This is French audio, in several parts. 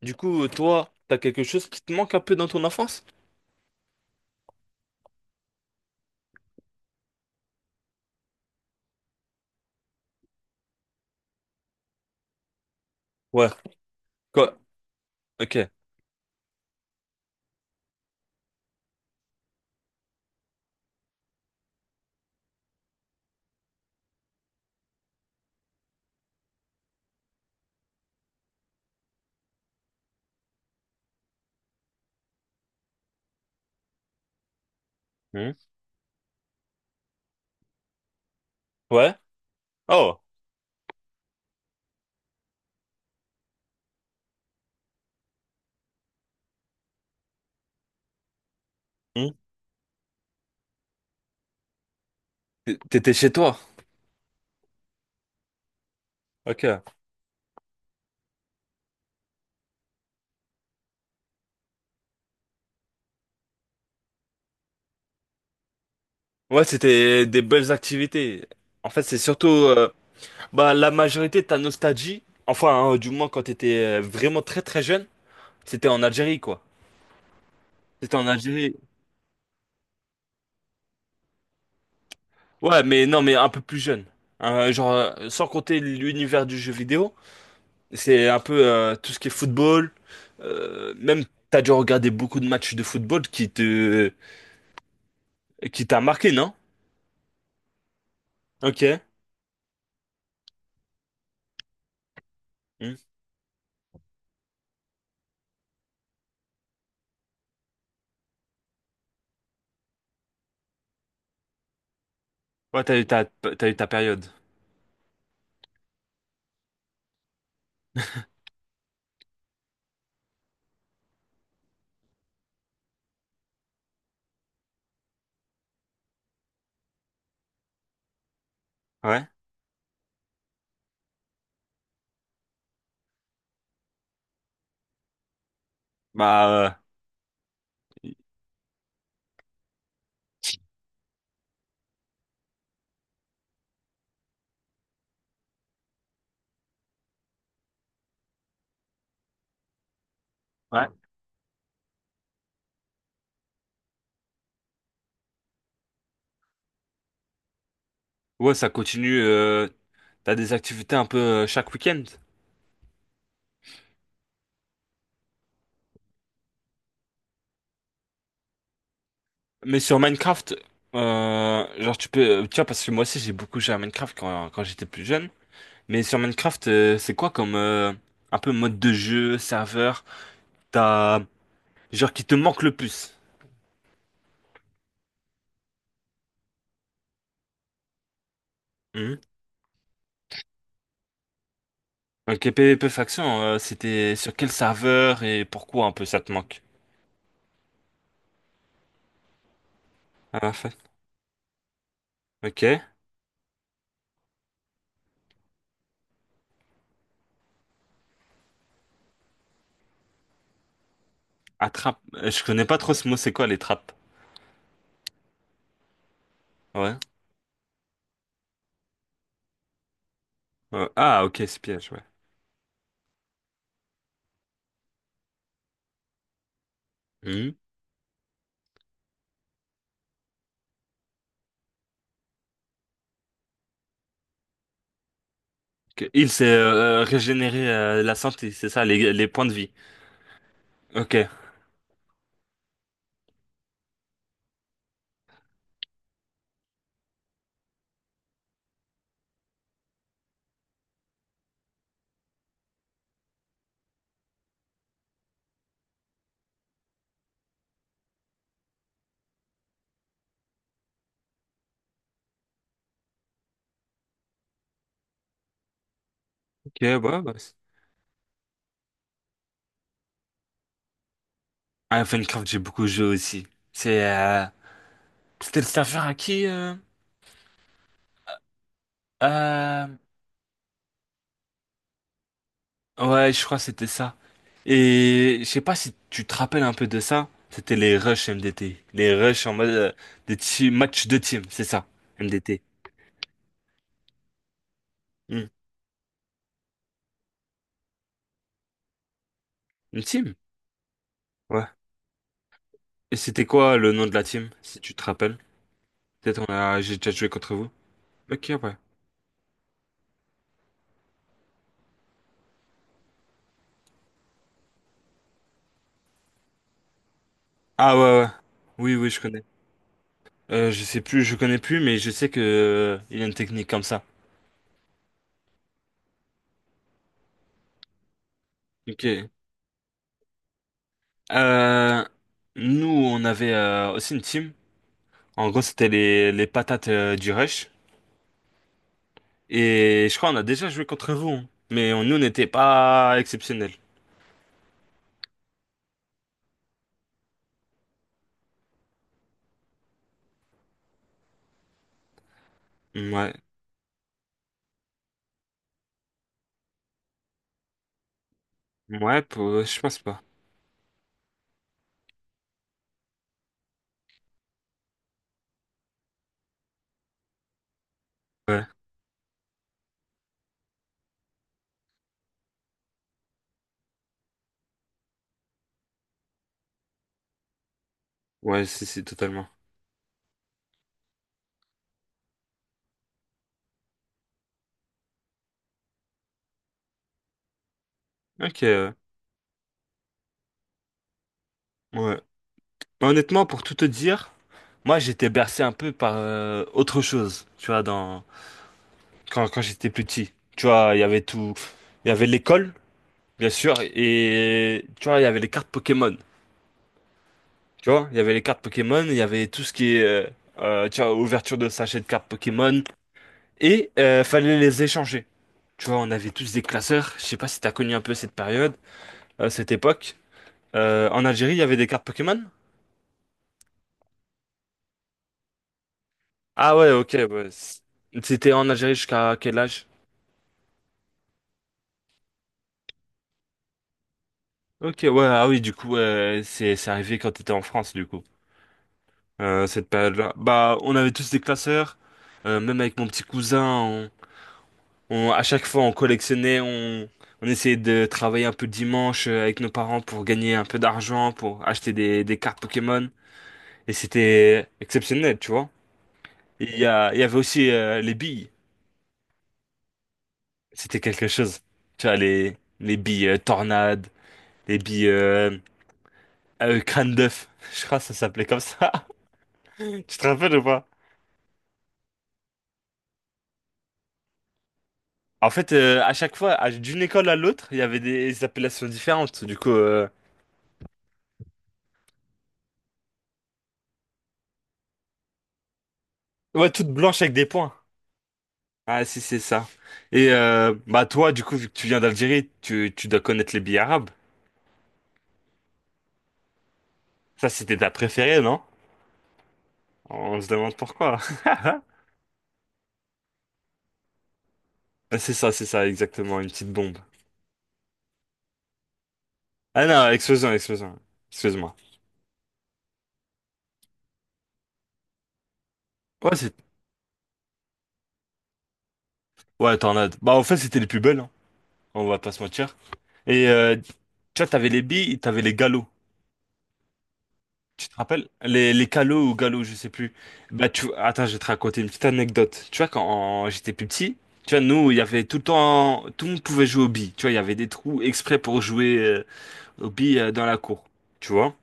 Du coup, toi, t'as quelque chose qui te manque un peu dans ton enfance? Ouais. Quoi? Ok. Hmm. Ouais. Oh. Hmm. T'étais chez toi. Ok. Ouais, c'était des belles activités. En fait, c'est surtout bah, la majorité de ta nostalgie. Enfin, hein, du moins quand t'étais vraiment très très jeune, c'était en Algérie, quoi. C'était en Algérie. Ouais, mais non, mais un peu plus jeune. Hein, genre, sans compter l'univers du jeu vidéo. C'est un peu tout ce qui est football. Même, t'as dû regarder beaucoup de matchs de football qui te, qui t'a marqué, non? Ok. Hmm. Ouais, t'as eu ta période. Ouais. Bah, euh, ouais. Ouais, ça continue. T'as des activités un peu chaque week-end. Mais sur Minecraft, genre tu peux, tu vois, parce que moi aussi j'ai beaucoup joué à Minecraft quand j'étais plus jeune. Mais sur Minecraft, c'est quoi comme un peu mode de jeu, serveur, t'as genre qui te manque le plus? Hmm. Ok, PvP faction, c'était sur quel serveur et pourquoi un peu ça te manque? Ah, parfait. Ok. Attrape. Je connais pas trop ce mot, c'est quoi les trappes? Ouais. Ah, ok, c'est piège, ouais. Hmm. Ok. Il s'est régénéré la santé, c'est ça, les points de vie. Ok. Ok, ouais, bah, Ah, Minecraft, j'ai beaucoup joué aussi. C'est, c'était le serveur à qui? Euh, Ouais, je crois que c'était ça. Et je sais pas si tu te rappelles un peu de ça. C'était les rushs MDT. Les rushs en mode matchs de team, c'est ça, MDT. Hmm. Une team? Ouais. Et c'était quoi le nom de la team, si tu te rappelles? Peut-être on a... j'ai déjà joué contre vous. Ok, ouais. Ah ouais, ouais. Oui, oui, je connais. Je sais plus, je connais plus, mais je sais que il y a une technique comme ça. Ok. Euh, Nous, on avait aussi une team. En gros, c'était les patates du rush. Et je crois on a déjà joué contre vous, hein. Mais nous, on n'était pas exceptionnels. Ouais. Je pense pas. Ouais. Ouais, c'est si, totalement. Ok, ouais. Ouais. Honnêtement, pour tout te dire, moi, j'étais bercé un peu par autre chose, tu vois, dans... quand j'étais plus petit. Tu vois, il y avait tout... Il y avait l'école, bien sûr, et tu vois, il y avait les cartes Pokémon. Tu vois, il y avait les cartes Pokémon, il y avait tout ce qui est, tu vois, ouverture de sachets de cartes Pokémon, et fallait les échanger. Tu vois, on avait tous des classeurs. Je sais pas si t'as connu un peu cette période, cette époque. En Algérie, il y avait des cartes Pokémon? Ah ouais, ok, ouais. C'était en Algérie jusqu'à quel âge? Ok, ouais, ah oui, du coup, c'est arrivé quand t'étais en France, du coup. Cette période-là. Bah, on avait tous des classeurs. Même avec mon petit cousin, à chaque fois, on collectionnait, on essayait de travailler un peu le dimanche avec nos parents pour gagner un peu d'argent, pour acheter des cartes Pokémon. Et c'était exceptionnel, tu vois. Il y avait aussi les billes. C'était quelque chose. Tu vois, les billes tornades, les billes crâne d'œuf. Je crois que ça s'appelait comme ça. Tu te rappelles ou pas? En fait, à chaque fois, d'une école à l'autre, il y avait des appellations différentes. Du coup, ouais, toutes blanches avec des points. Ah, si, c'est ça. Et bah toi, du coup, vu que tu viens d'Algérie, tu dois connaître les billes arabes. Ça, c'était ta préférée, non? On se demande pourquoi. C'est ça, exactement, une petite bombe. Ah non, explosion, explosion. Excuse-moi. Ouais, c'est... Ouais, tornade. Bah, en fait, c'était les plus belles, hein. On va pas se mentir. Et, tu vois, t'avais les billes, t'avais les galops. Tu te rappelles? Les calots ou galops, je sais plus. Bah, tu... Attends, je vais te raconter une petite anecdote. Tu vois, quand j'étais plus petit, tu vois, nous, il y avait tout le temps... Tout le monde pouvait jouer aux billes. Tu vois, il y avait des trous exprès pour jouer aux billes dans la cour. Tu vois?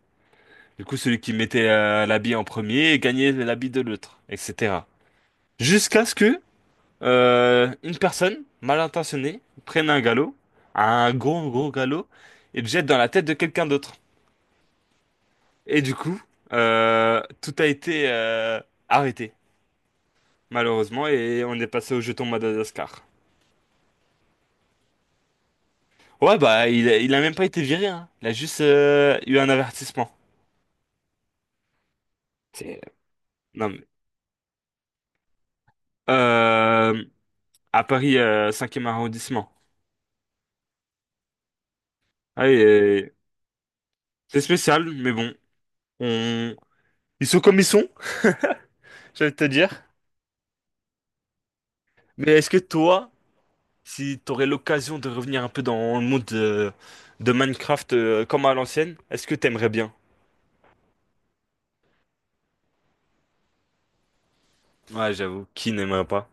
Du coup, celui qui mettait la bille en premier gagnait la bille de l'autre, etc. Jusqu'à ce que une personne mal intentionnée prenne un galop, un gros gros galop, et le jette dans la tête de quelqu'un d'autre. Et du coup, tout a été arrêté, malheureusement, et on est passé au jeton Madagascar. Ouais, bah, il a même pas été viré, hein. Il a juste eu un avertissement. C'est... Non, mais... Euh, à Paris, 5e arrondissement. Ouais, et- c'est spécial, mais bon. On... Ils sont comme ils sont, j'allais te dire. Mais est-ce que toi... Si tu aurais l'occasion de revenir un peu dans le monde de Minecraft comme à l'ancienne, est-ce que t'aimerais bien? Ouais, j'avoue, qui n'aimerait pas?